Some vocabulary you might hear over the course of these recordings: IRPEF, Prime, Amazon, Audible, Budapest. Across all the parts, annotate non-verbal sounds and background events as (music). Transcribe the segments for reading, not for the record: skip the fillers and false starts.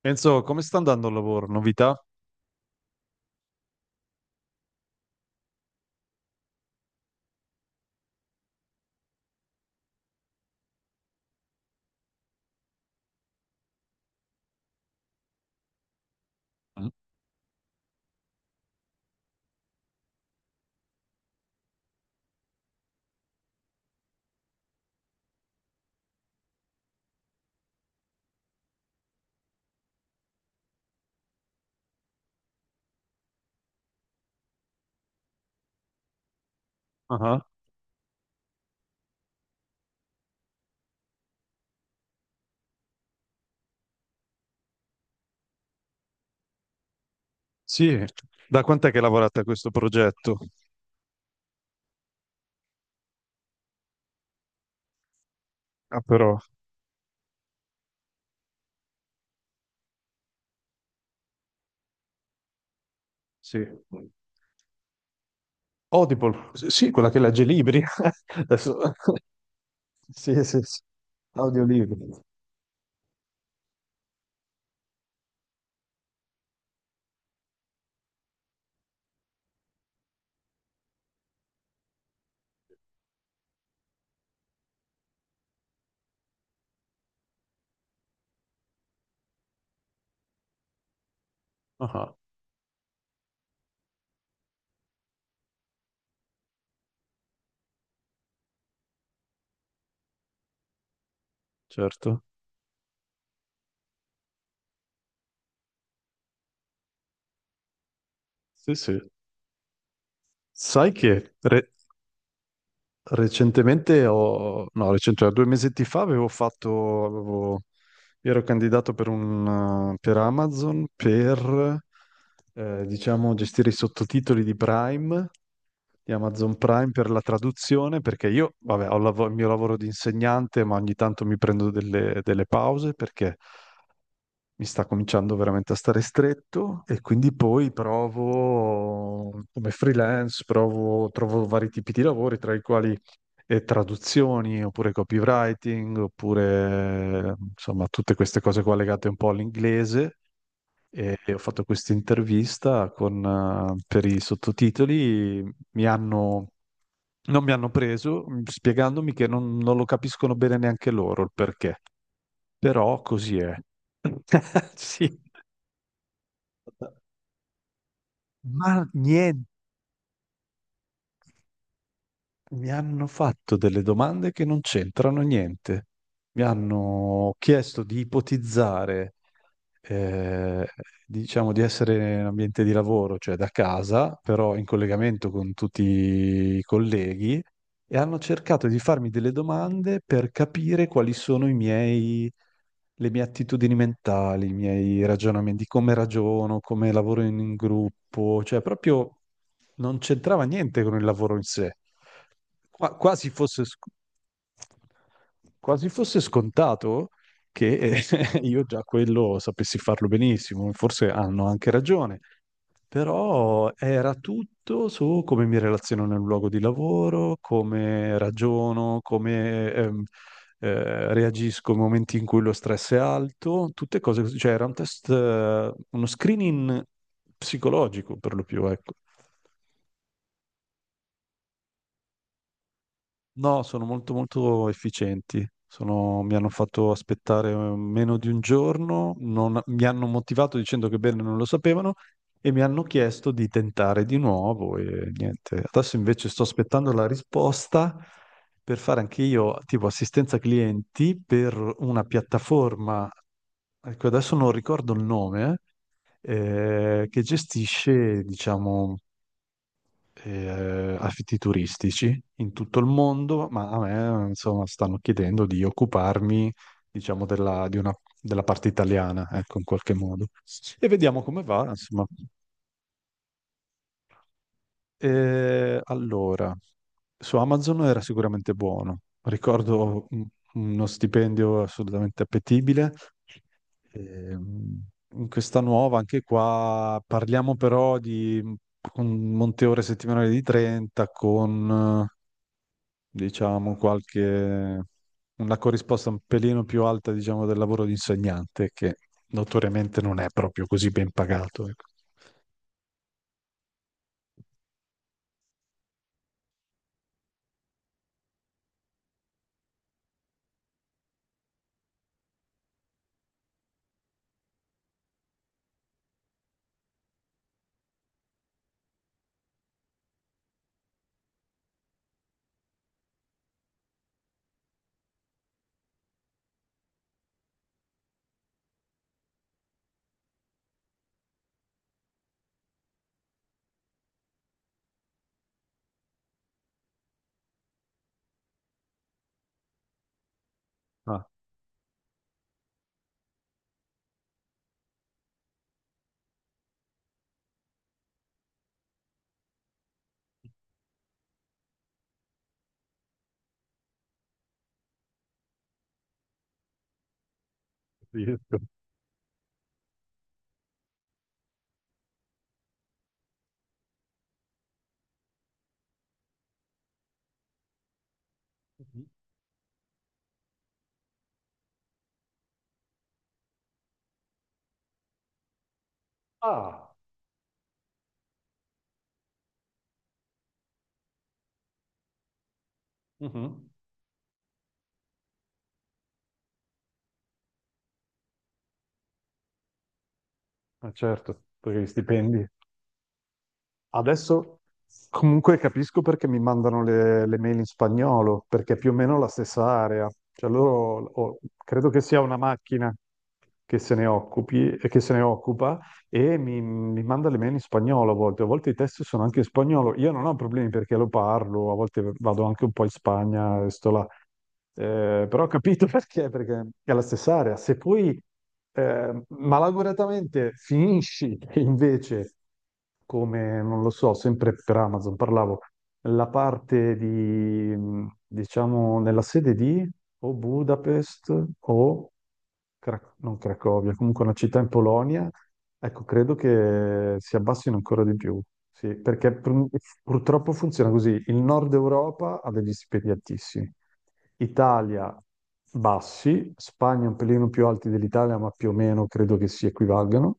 Enzo, come sta andando il lavoro? Novità? Mm. Ah, sì, da quant'è che lavorate a questo progetto? Ah, però, sì. Audible, sì, quella che legge libri. (laughs) Adesso... (laughs) Sì, sì, sì. Audiolibri. Ah, certo. Sì, sì. Sai che re- Recentemente ho, no, recentemente, due mesetti fa avevo- ero candidato per Amazon per, diciamo, gestire i sottotitoli di Prime di Amazon Prime per la traduzione, perché io, vabbè, ho il mio lavoro di insegnante, ma ogni tanto mi prendo delle pause perché mi sta cominciando veramente a stare stretto e quindi poi provo come freelance, provo, trovo vari tipi di lavori, tra i quali traduzioni, oppure copywriting, oppure insomma tutte queste cose qua legate un po' all'inglese e ho fatto questa intervista per i sottotitoli, mi hanno, non mi hanno preso, spiegandomi che non lo capiscono bene neanche loro il perché, però così è. (laughs) Sì. Ma niente, mi hanno fatto delle domande che non c'entrano niente. Mi hanno chiesto di ipotizzare. eh, diciamo di essere in ambiente di lavoro, cioè da casa, però in collegamento con tutti i colleghi, e hanno cercato di farmi delle domande per capire quali sono i miei, le mie attitudini mentali, i miei ragionamenti, come ragiono, come lavoro in gruppo, cioè proprio non c'entrava niente con il lavoro in sé. Qua- quasi fosse, sc- Quasi fosse scontato, che (laughs) io già quello sapessi farlo benissimo, forse hanno anche ragione, però era tutto su come mi relaziono nel luogo di lavoro, come ragiono, come reagisco nei momenti in cui lo stress è alto, tutte cose così, cioè era un test, uno screening psicologico per lo più, ecco. No, sono molto molto efficienti. Mi hanno fatto aspettare meno di un giorno, mi hanno motivato dicendo che bene non lo sapevano e mi hanno chiesto di tentare di nuovo e niente. Adesso invece sto aspettando la risposta per fare anche io tipo assistenza clienti per una piattaforma, ecco adesso non ricordo il nome, che gestisce, diciamo, affitti turistici in tutto il mondo, ma a me, insomma, stanno chiedendo di occuparmi, diciamo, della parte italiana, ecco, in qualche modo. E vediamo come va, insomma. Allora, su Amazon era sicuramente buono. Ricordo uno stipendio assolutamente appetibile. Ehm, In questa nuova, anche qua, parliamo però di un monte ore settimanale di 30 con, diciamo, qualche, una corrisposta un pelino più alta, diciamo, del lavoro di insegnante, che notoriamente non è proprio così ben pagato. Ecco. Ah, capisco. Ah, mhm. Ma certo, perché gli stipendi. Adesso comunque capisco perché mi mandano le mail in spagnolo, perché è più o meno la stessa area. Cioè loro, credo che sia una macchina che se ne occupi, e che se ne occupa e mi manda le mail in spagnolo a volte. A volte i testi sono anche in spagnolo. Io non ho problemi perché lo parlo, a volte vado anche un po' in Spagna e sto là. Però ho capito (laughs) perché è la stessa area. Se poi malauguratamente finisci (laughs) invece come, non lo so, sempre per Amazon parlavo, la parte di, diciamo, nella sede di o Budapest o non Cracovia, comunque una città in Polonia, ecco, credo che si abbassino ancora di più. Sì, perché purtroppo funziona così. Il nord Europa ha degli stipendi altissimi. Italia bassi, Spagna un pelino più alti dell'Italia, ma più o meno credo che si equivalgano.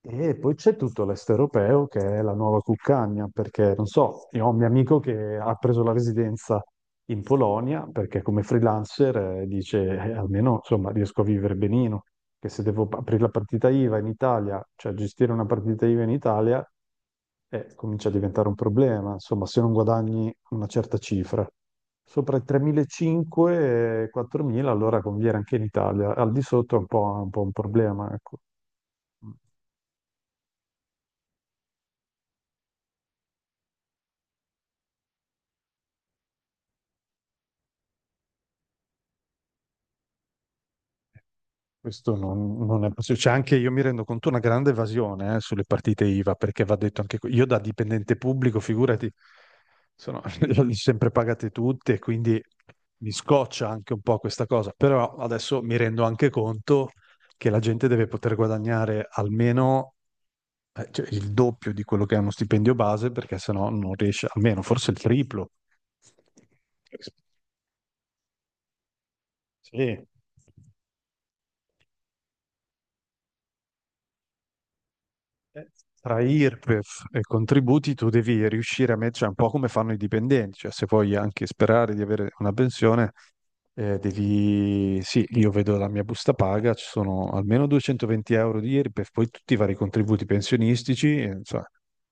E poi c'è tutto l'est europeo che è la nuova cuccagna, perché non so, io ho un mio amico che ha preso la residenza in Polonia perché come freelancer dice almeno insomma riesco a vivere benino, che se devo aprire la partita IVA in Italia, cioè gestire una partita IVA in Italia, comincia a diventare un problema, insomma se non guadagni una certa cifra. Sopra i 3.500 e 4.000 allora conviene anche in Italia, al di sotto è un po', un po' un problema, ecco. Questo non è possibile. C'è anche, io mi rendo conto, una grande evasione, sulle partite IVA, perché va detto anche io da dipendente pubblico, figurati, sono, (laughs) le ho sempre pagate tutte, quindi mi scoccia anche un po' questa cosa. Però adesso mi rendo anche conto che la gente deve poter guadagnare almeno, cioè, il doppio di quello che è uno stipendio base, perché sennò non riesce, almeno forse il triplo. Sì. Eh, tra IRPEF e contributi tu devi riuscire a mettere, un po' come fanno i dipendenti, cioè se vuoi anche sperare di avere una pensione, devi, sì, io vedo la mia busta paga, ci sono almeno 220 euro di IRPEF, poi tutti i vari contributi pensionistici, cioè,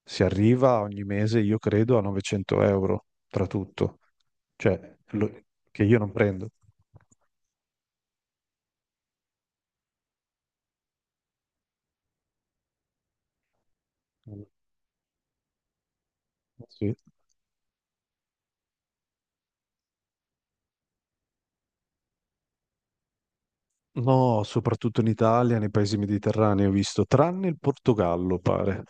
si arriva ogni mese, io credo, a 900 euro tra tutto, cioè lo- che io non prendo. Sì. No, soprattutto in Italia, nei paesi mediterranei ho visto, tranne il Portogallo, pare.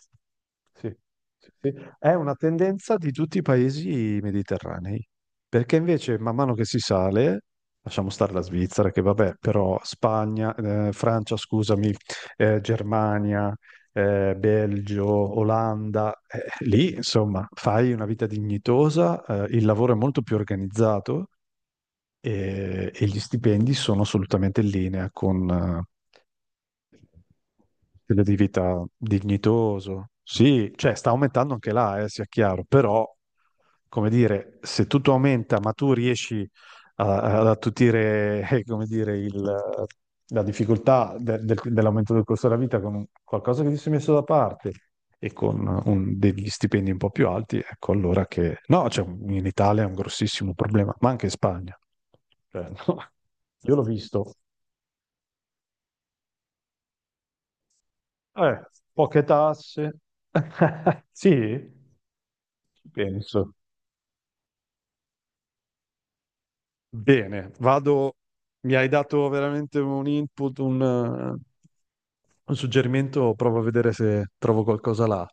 Sì, sì, sì. È una tendenza di tutti i paesi mediterranei, perché invece man mano che si sale, lasciamo stare la Svizzera, che vabbè, però Spagna, Francia, scusami, Germania, Belgio, Olanda, lì insomma fai una vita dignitosa, il lavoro è molto più organizzato e gli stipendi sono assolutamente in linea con quello di vita dignitoso. Sì, cioè sta aumentando anche là, sia chiaro, però, come dire, se tutto aumenta, ma tu riesci ad attutire, (laughs) come dire, la difficoltà dell'aumento del costo della vita con qualcosa che ti sei messo da parte e con degli stipendi un po' più alti, ecco allora che... No, cioè, in Italia è un grossissimo problema, ma anche in Spagna. Cioè, (laughs) no. Io l'ho visto. Eh, poche tasse. (laughs) Sì, ci penso. Bene, vado. Mi hai dato veramente un input, un suggerimento. Provo a vedere se trovo qualcosa là.